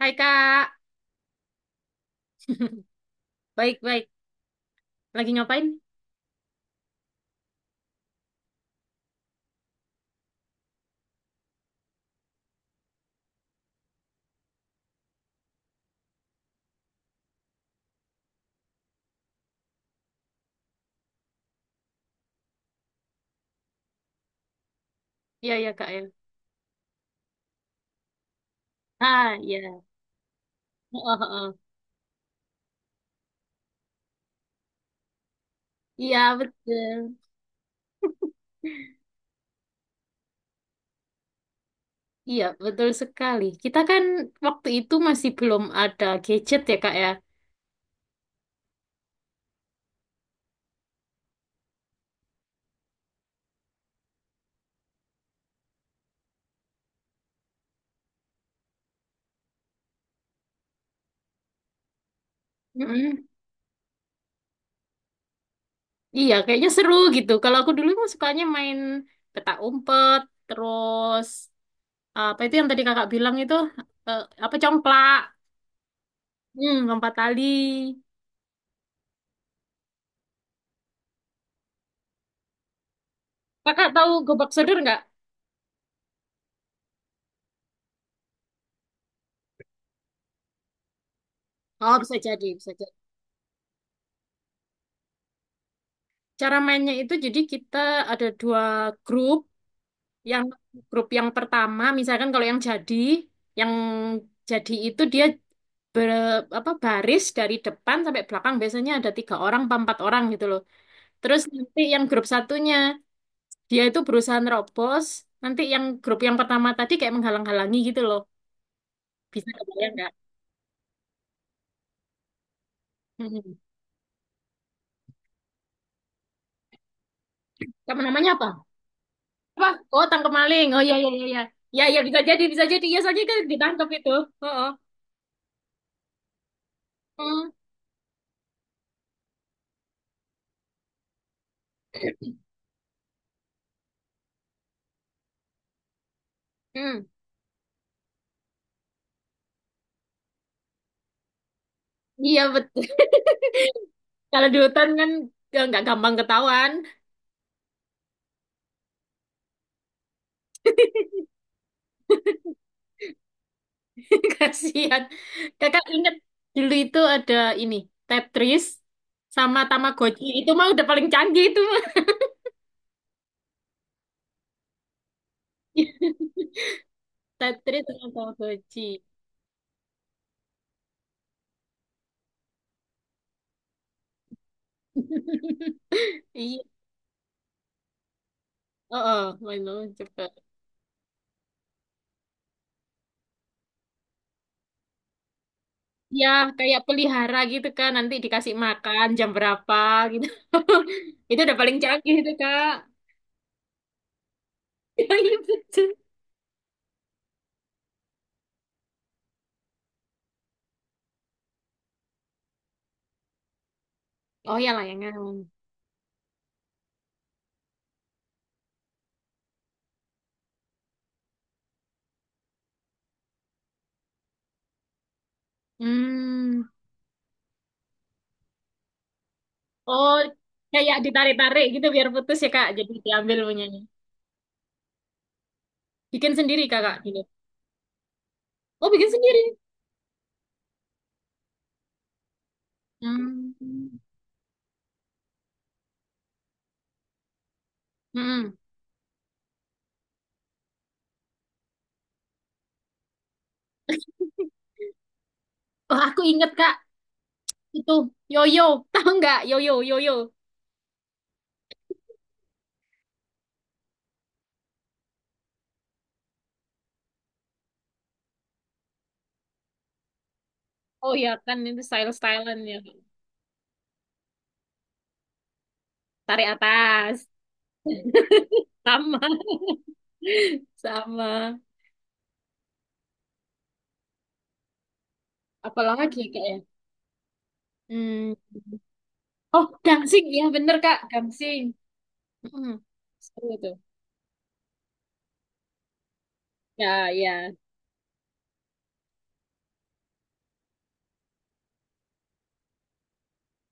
Hai Kak, baik-baik. Lagi ngapain? Iya, iya Kak ya. Ah, iya. Oh, oh, oh. Iya, betul. Iya, betul sekali. Kita kan waktu itu masih belum ada gadget ya Kak ya. Mm-mm. Iya, kayaknya seru gitu. Kalau aku dulu mah sukanya main petak umpet, terus apa itu yang tadi Kakak bilang itu apa congklak, hmm, lompat tali. Kakak tahu gobak sodor nggak? Oh, bisa jadi, bisa jadi. Cara mainnya itu jadi kita ada dua grup. Yang grup yang pertama, misalkan kalau yang jadi itu dia ber, apa baris dari depan sampai belakang biasanya ada tiga orang, apa empat orang gitu loh. Terus nanti yang grup satunya dia itu berusaha nerobos. Nanti yang grup yang pertama tadi kayak menghalang-halangi gitu loh. Bisa kebayang nggak? Hmm. Kamu namanya apa? Apa? Oh, tangkap maling. Oh, iya iya iya iya. Ya ya ya, bisa jadi ya soalnya kan ditangkap itu. Oh, oh. Hmm. Hmm. Iya betul. Kalau di hutan kan nggak gampang ketahuan. Kasihan. Kakak ingat dulu itu ada ini, Tetris sama Tamagotchi. Itu mah udah paling canggih itu mah. Tetris sama Tamagotchi. Iya, oh, oh, main-main cepet. Ya, kayak pelihara gitu kan, nanti dikasih makan jam berapa gitu. Itu udah paling canggih itu, Kak. Iya, betul. Oh ya, layangan. Hmm. Oh, kayak ditarik-tarik gitu biar putus ya kak. Jadi diambil punyanya. Bikin sendiri kakak gitu. Oh, bikin sendiri. Hmm. Hmm. Oh, aku inget kak itu yoyo. Tahu nggak yoyo yoyo? Oh ya kan itu style-stylean ya. Tarik atas. Sama. Sama. Apalagi kak ya? Hmm. Oh, gangsing. Ya bener kak, gangsing. Hmm. Seru tuh. Ya, ya.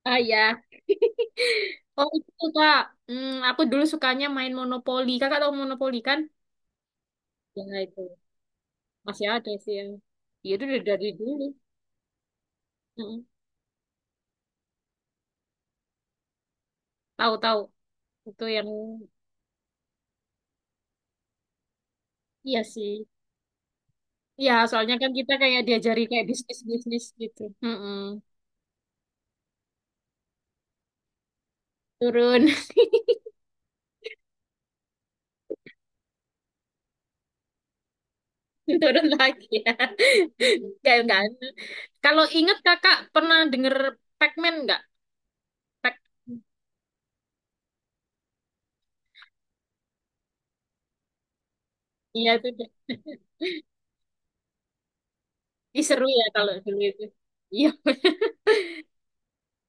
Ah ya. Oh itu kak, hmm, aku dulu sukanya main monopoli. Kakak tahu monopoli kan? Ya itu masih ada sih yang. Ya itu udah dari dulu. Mm-mm. Tahu tahu itu yang iya sih. Iya soalnya kan kita kayak diajari kayak bisnis bisnis gitu. Mm-mm. Turun. Turun lagi ya. Kayak enggak. Kalau inget kakak pernah denger Pac-Man nggak? Pac. Iya itu deh. Ih, seru ya kalau dulu itu. Iya.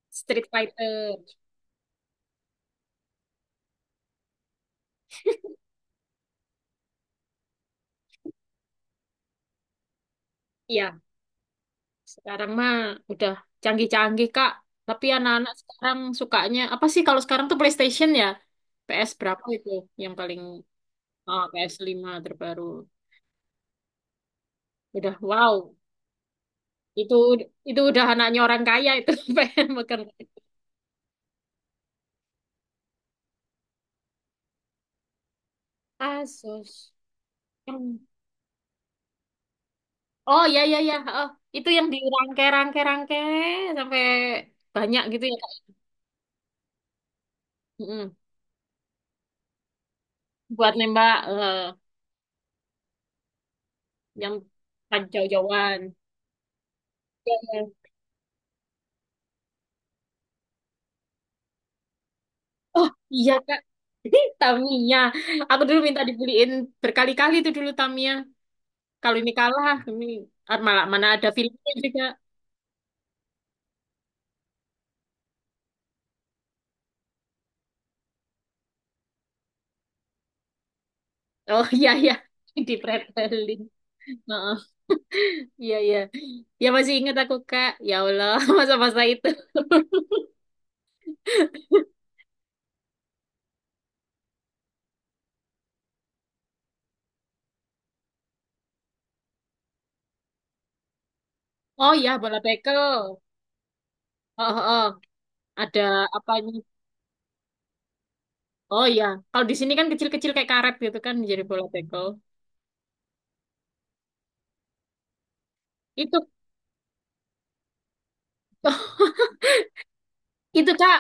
Street Fighter. Iya, sekarang mah udah canggih-canggih, Kak. Tapi anak-anak sekarang sukanya apa sih kalau sekarang tuh PlayStation ya? PS berapa itu yang paling oh, PS 5 terbaru. Udah wow. Itu itu udah anaknya orang kaya itu pengen makan. Asus. Hmm. Oh ya ya ya. Oh, itu yang dirangke-rangke-rangke sampai banyak gitu ya, Kak. Mm-mm. Buat nembak yang kan jauh-jauhan. Oh iya Kak, Tamiya. Aku dulu minta dibeliin berkali-kali itu dulu Tamiya. Kalau ini kalah, ini ah, malah mana ada filmnya juga. Oh iya iya, di pretelin. Heeh, iya iya. Ya masih ingat aku Kak. Ya Allah, masa-masa itu. Oh iya, bola bekel. Oh, oh, oh. Ada apanya? Oh iya, kalau di sini kan kecil-kecil kayak karet gitu kan jadi bola bekel. Itu itu Kak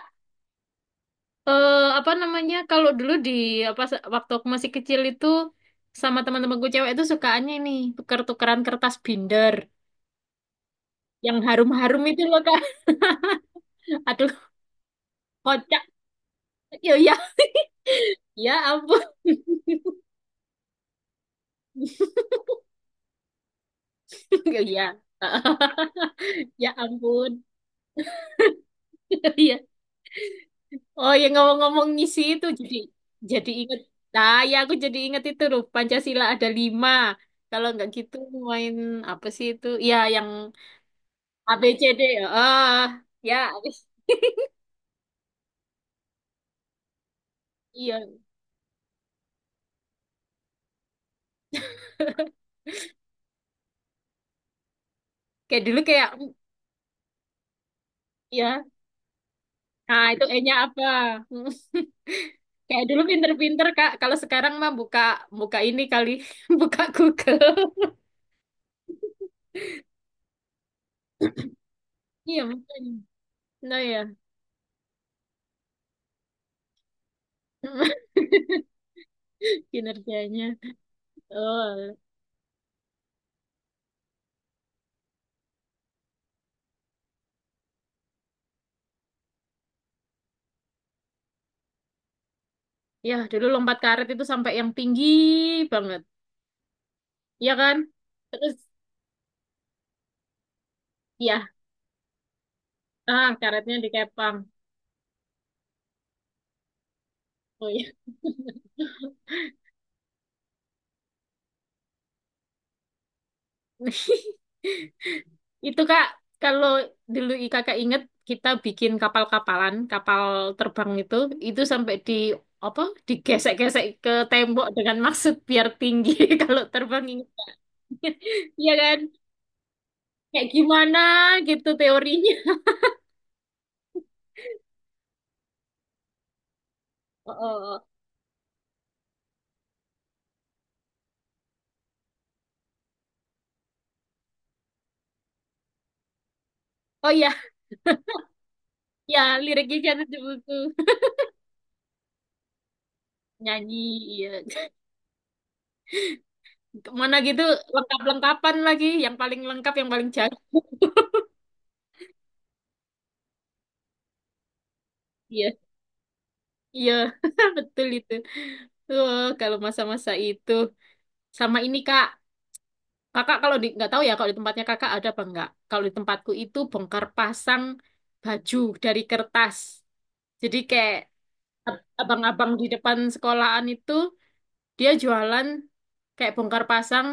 apa namanya kalau dulu di apa waktu aku masih kecil itu sama teman-temanku cewek itu sukaannya ini tuker-tukeran kertas binder yang harum-harum itu loh kak. Aduh kocak, ya ya, ya ampun. Ya ya. Ya ampun. Ya, oh ya, ngomong-ngomong ngisi itu jadi inget. Nah ya, aku jadi inget itu loh Pancasila ada lima kalau nggak gitu main apa sih itu ya yang a b c d ya ah ya iya. Kayak dulu kayak ya, nah itu E-nya apa? Kayak dulu pinter-pinter Kak. Kalau sekarang mah buka buka ini kali, buka Google. Iya mungkin, nah ya, kinerjanya. Oh, ya dulu lompat karet itu sampai yang tinggi banget, ya kan? Terus ya, ah karetnya dikepang. Oh iya. Itu Kak, kalau dulu i- Kakak inget kita bikin kapal-kapalan, kapal terbang itu sampai di apa? Digesek-gesek ke tembok dengan maksud biar tinggi kalau terbang ingetnya. Iya kan? Kayak gimana gitu teorinya. Oh, oh, oh. Oh iya, ya liriknya jangan di buku. Nyanyi, iya. Mana gitu lengkap-lengkapan lagi, yang paling lengkap, yang paling jago. Iya, iya, betul itu. Wah, kalau masa-masa itu sama ini Kak, Kakak kalau di nggak tahu ya kalau di tempatnya kakak ada apa enggak. Kalau di tempatku itu bongkar pasang baju dari kertas. Jadi kayak ab- abang-abang di depan sekolahan itu dia jualan kayak bongkar pasang.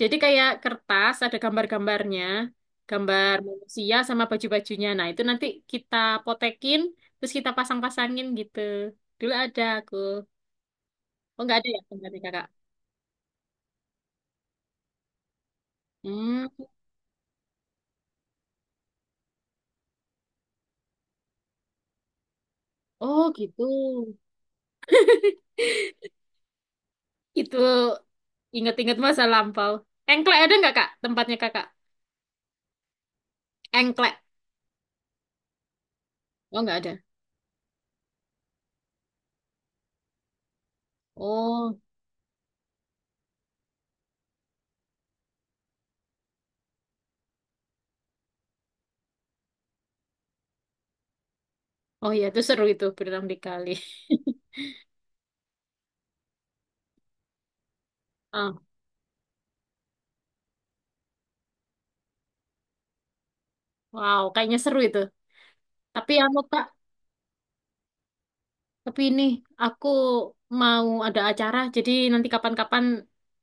Jadi kayak kertas ada gambar-gambarnya, gambar manusia sama baju-bajunya. Nah, itu nanti kita potekin terus kita pasang-pasangin gitu. Dulu ada aku. Oh, nggak ada ya tempatnya kakak. Hmm. Oh, gitu. Itu ingat-ingat masa lampau. Engklek ada nggak kak? Tempatnya kakak? Engklek. Oh nggak ada. Oh, oh iya itu seru itu berenang di kali. Ah, wow, kayaknya seru itu. Tapi anu kak, tapi ini aku mau ada acara, jadi nanti kapan-kapan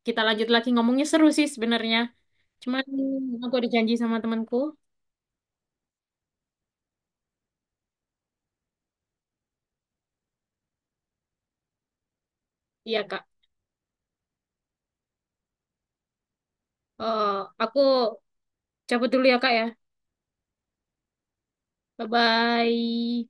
kita lanjut lagi ngomongnya seru sih sebenarnya. Cuman aku ada janji sama temanku. Iya kak. Oh, aku cabut dulu ya kak ya. Bye-bye.